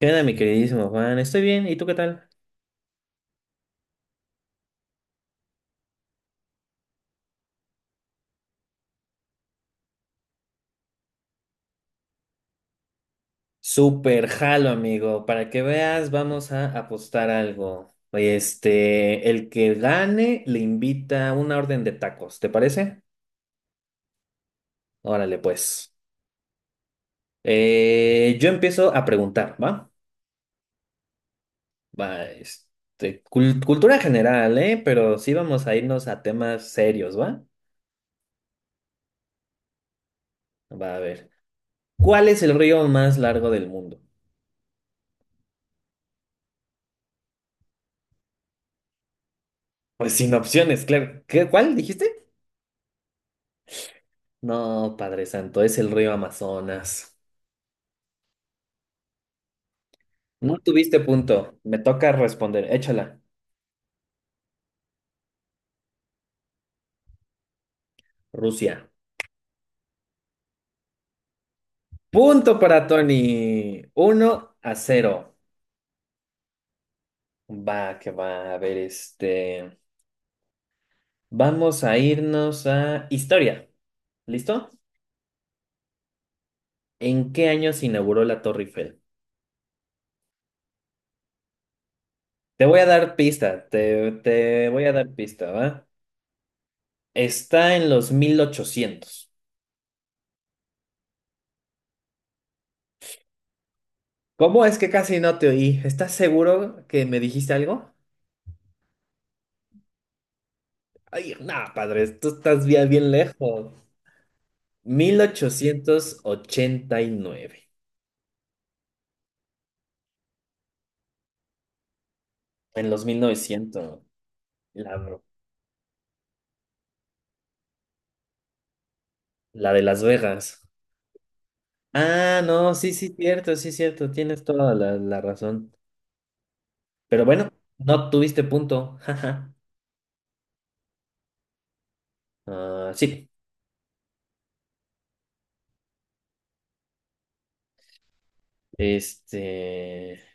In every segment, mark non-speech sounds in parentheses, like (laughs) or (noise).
¿Qué onda, mi queridísimo Juan? Estoy bien, ¿y tú qué tal? Súper jalo, amigo. Para que veas, vamos a apostar algo. Oye, el que gane le invita una orden de tacos, ¿te parece? Órale, pues. Yo empiezo a preguntar, ¿va? Va, cultura general, ¿eh? Pero sí vamos a irnos a temas serios, ¿va? Va a ver. ¿Cuál es el río más largo del mundo? Pues sin opciones, claro. ¿Qué, cuál dijiste? No, Padre Santo, es el río Amazonas. No tuviste punto. Me toca responder. Échala. Rusia. Punto para Tony. 1-0. Va, que va. A ver, Vamos a irnos a historia. ¿Listo? ¿En qué año se inauguró la Torre Eiffel? Te voy a dar pista. Te voy a dar pista, ¿va? Está en los 1800. ¿Cómo es que casi no te oí? ¿Estás seguro que me dijiste algo? Ay, nada, padre, tú estás bien, bien lejos. 1889, en los mil novecientos, la, la de Las Vegas. Ah, no, sí, sí, cierto, tienes toda la razón. Pero bueno, no tuviste punto. (laughs) Jaja. Ah, sí, este...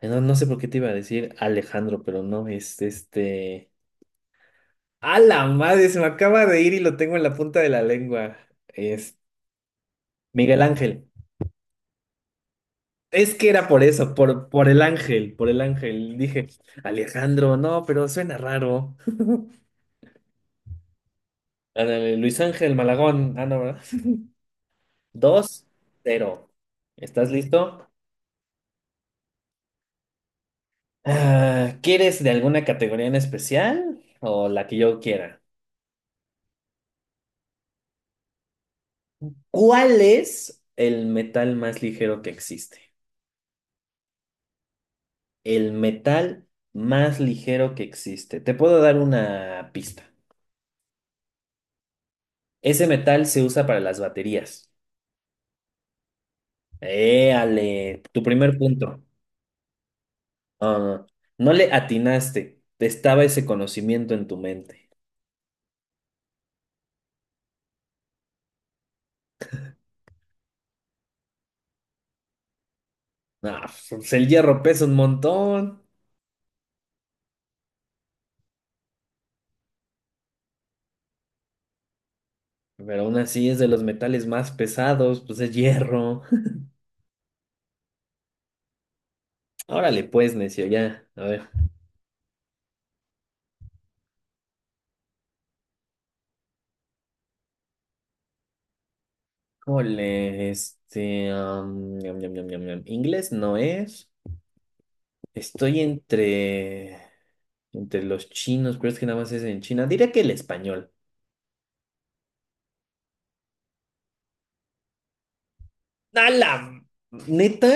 no, no sé por qué te iba a decir Alejandro, pero no, ¡A la madre! Se me acaba de ir y lo tengo en la punta de la lengua. Es Miguel Ángel. Es que era por eso, por el ángel, por el ángel. Dije, Alejandro, no, pero suena raro. Ándale, Luis Ángel Malagón, ah, no, ¿verdad? (laughs) 2-0. ¿Estás listo? Ah, ¿quieres de alguna categoría en especial o la que yo quiera? ¿Cuál es el metal más ligero que existe? El metal más ligero que existe. Te puedo dar una pista. Ese metal se usa para las baterías. Éale, tu primer punto. Ah, no, no le atinaste. Estaba ese conocimiento en tu mente. Ah, pues el hierro pesa un montón, pero aún así es de los metales más pesados, pues es hierro. (laughs) Órale, pues, necio, ya. A ver. Híjole, ñam, ñam, ñam, ñam, ñam. Inglés no es. Estoy entre. Entre los chinos, pero es que nada más es en China. Diría que el español. ¡A la neta!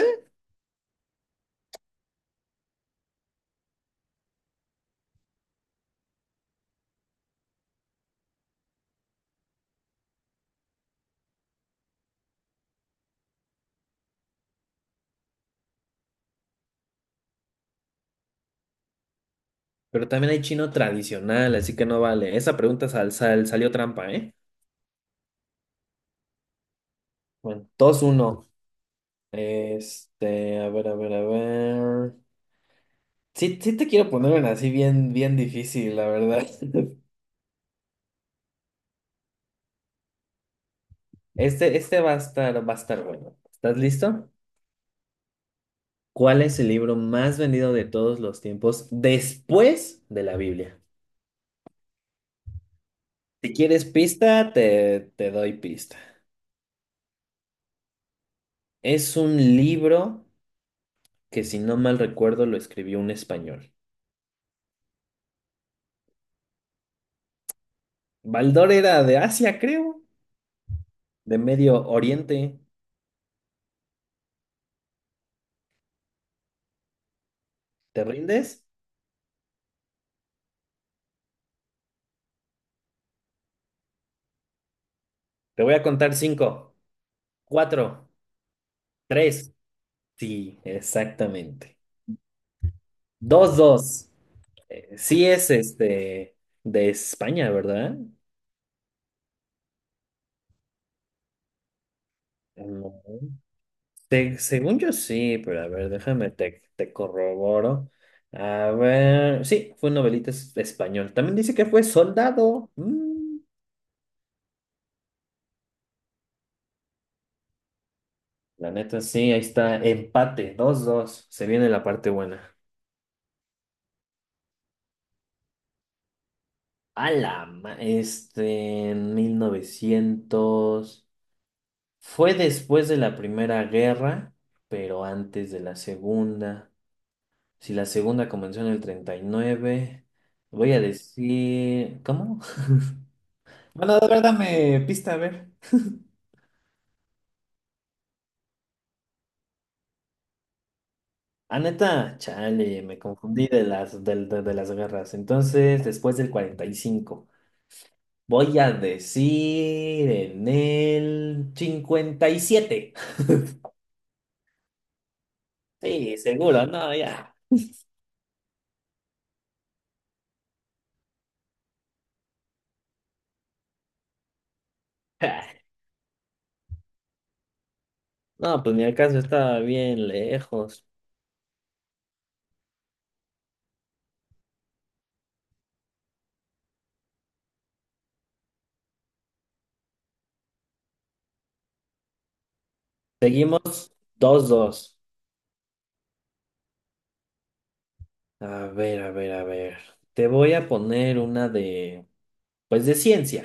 Pero también hay chino tradicional, así que no vale. Esa pregunta salió trampa, ¿eh? Bueno, 2-1. A ver, a ver, a ver. Sí, sí te quiero poner una así bien, bien difícil, la verdad. (laughs) Este va a estar bueno. ¿Estás listo? ¿Cuál es el libro más vendido de todos los tiempos después de la Biblia? Si quieres pista, te doy pista. Es un libro que, si no mal recuerdo, lo escribió un español. Baldor era de Asia, creo, de Medio Oriente. ¿Te rindes? Te voy a contar cinco. Cuatro, tres, sí, exactamente. Dos, dos. Sí es este de España, ¿verdad? No. Según yo sí, pero a ver, déjame, te corroboro. A ver, sí, fue un novelista español. También dice que fue soldado. Mm, la neta, sí, ahí está, empate, 2-2. Se viene la parte buena. En mil novecientos. Fue después de la Primera Guerra, pero antes de la Segunda. Si la Segunda comenzó en el 39, voy a decir... ¿Cómo? (laughs) Bueno, de verdad me pista, a ver. Ah, neta, chale, me confundí de de las guerras. Entonces, después del 45, voy a decir en el 57. Sí, seguro, no, ya. (laughs) No, pues ni acaso estaba bien lejos. Seguimos 2-2. A ver, a ver, a ver. Te voy a poner una pues de ciencia.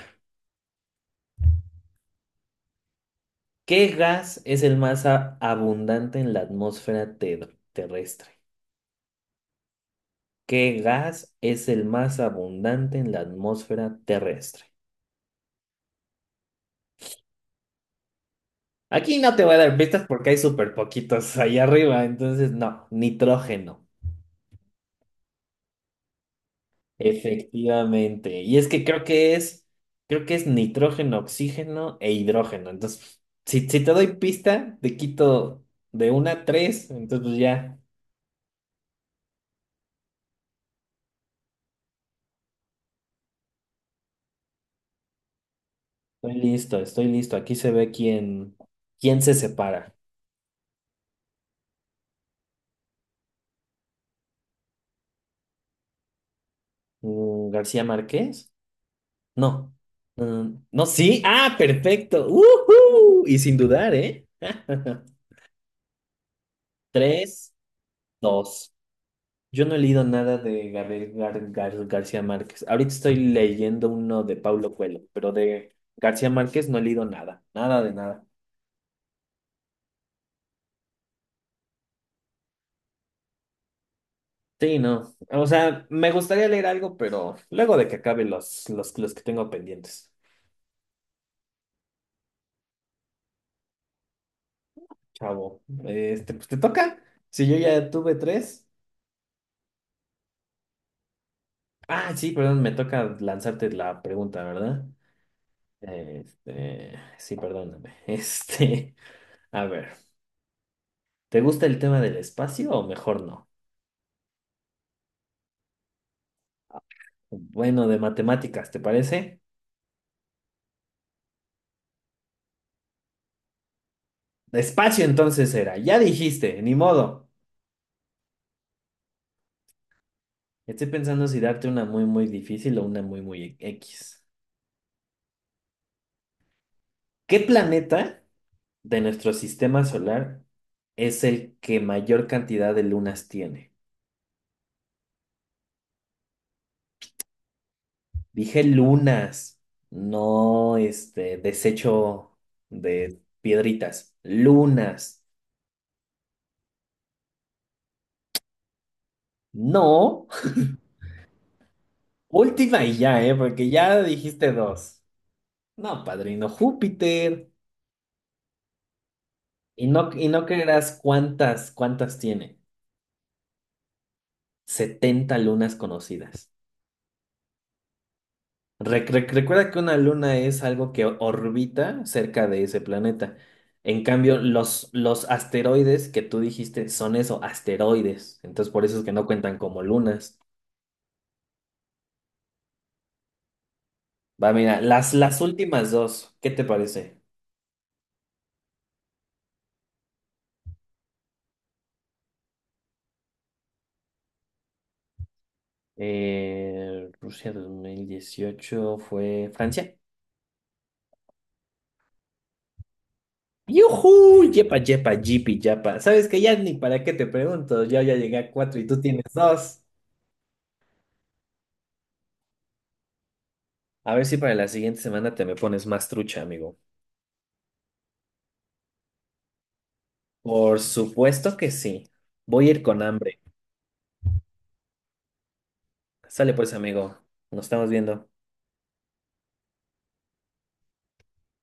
¿Qué gas es el más abundante en la atmósfera terrestre? ¿Qué gas es el más abundante en la atmósfera terrestre? Aquí no te voy a dar pistas porque hay súper poquitos ahí arriba, entonces no, nitrógeno. Efectivamente. Y es que creo que es nitrógeno, oxígeno e hidrógeno. Entonces, si te doy pista, te quito de una a tres, entonces pues ya estoy listo, estoy listo. Aquí se ve quién, quién se separa. Mm, ¿García Márquez? No. Mm, no, sí. Ah, perfecto. ¡Uhú! Y sin dudar, ¿eh? (laughs) 3-2. Yo no he leído nada de Gabriel García Márquez. Ahorita estoy leyendo uno de Paulo Coelho, pero de García Márquez no he leído nada, nada de nada. Sí, no. O sea, me gustaría leer algo, pero luego de que acabe los que tengo pendientes. Chavo, pues te toca. Si yo ya tuve tres. Ah, sí, perdón, me toca lanzarte la pregunta, ¿verdad? Sí, perdóname. (laughs) A ver, ¿te gusta el tema del espacio o mejor no? Bueno, de matemáticas, ¿te parece? Espacio entonces era, ya dijiste, ni modo. Estoy pensando si darte una muy, muy difícil o una muy, muy X. ¿Qué planeta de nuestro sistema solar es el que mayor cantidad de lunas tiene? Dije lunas, no este desecho de piedritas, lunas. No, última y ya, ¿eh? Porque ya dijiste dos. No, padrino, Júpiter. Y no creerás cuántas tiene. 70 lunas conocidas. Recuerda que una luna es algo que orbita cerca de ese planeta. En cambio, los asteroides que tú dijiste son eso, asteroides. Entonces, por eso es que no cuentan como lunas. Va, mira, las últimas dos, ¿qué te parece? Rusia 2018 fue Francia. Yuhu, yepa, yepa, yipi, yapa. Sabes que ya ni para qué te pregunto, yo ya llegué a cuatro y tú tienes dos. A ver si para la siguiente semana te me pones más trucha, amigo. Por supuesto que sí. Voy a ir con hambre. Sale pues, amigo. Nos estamos viendo.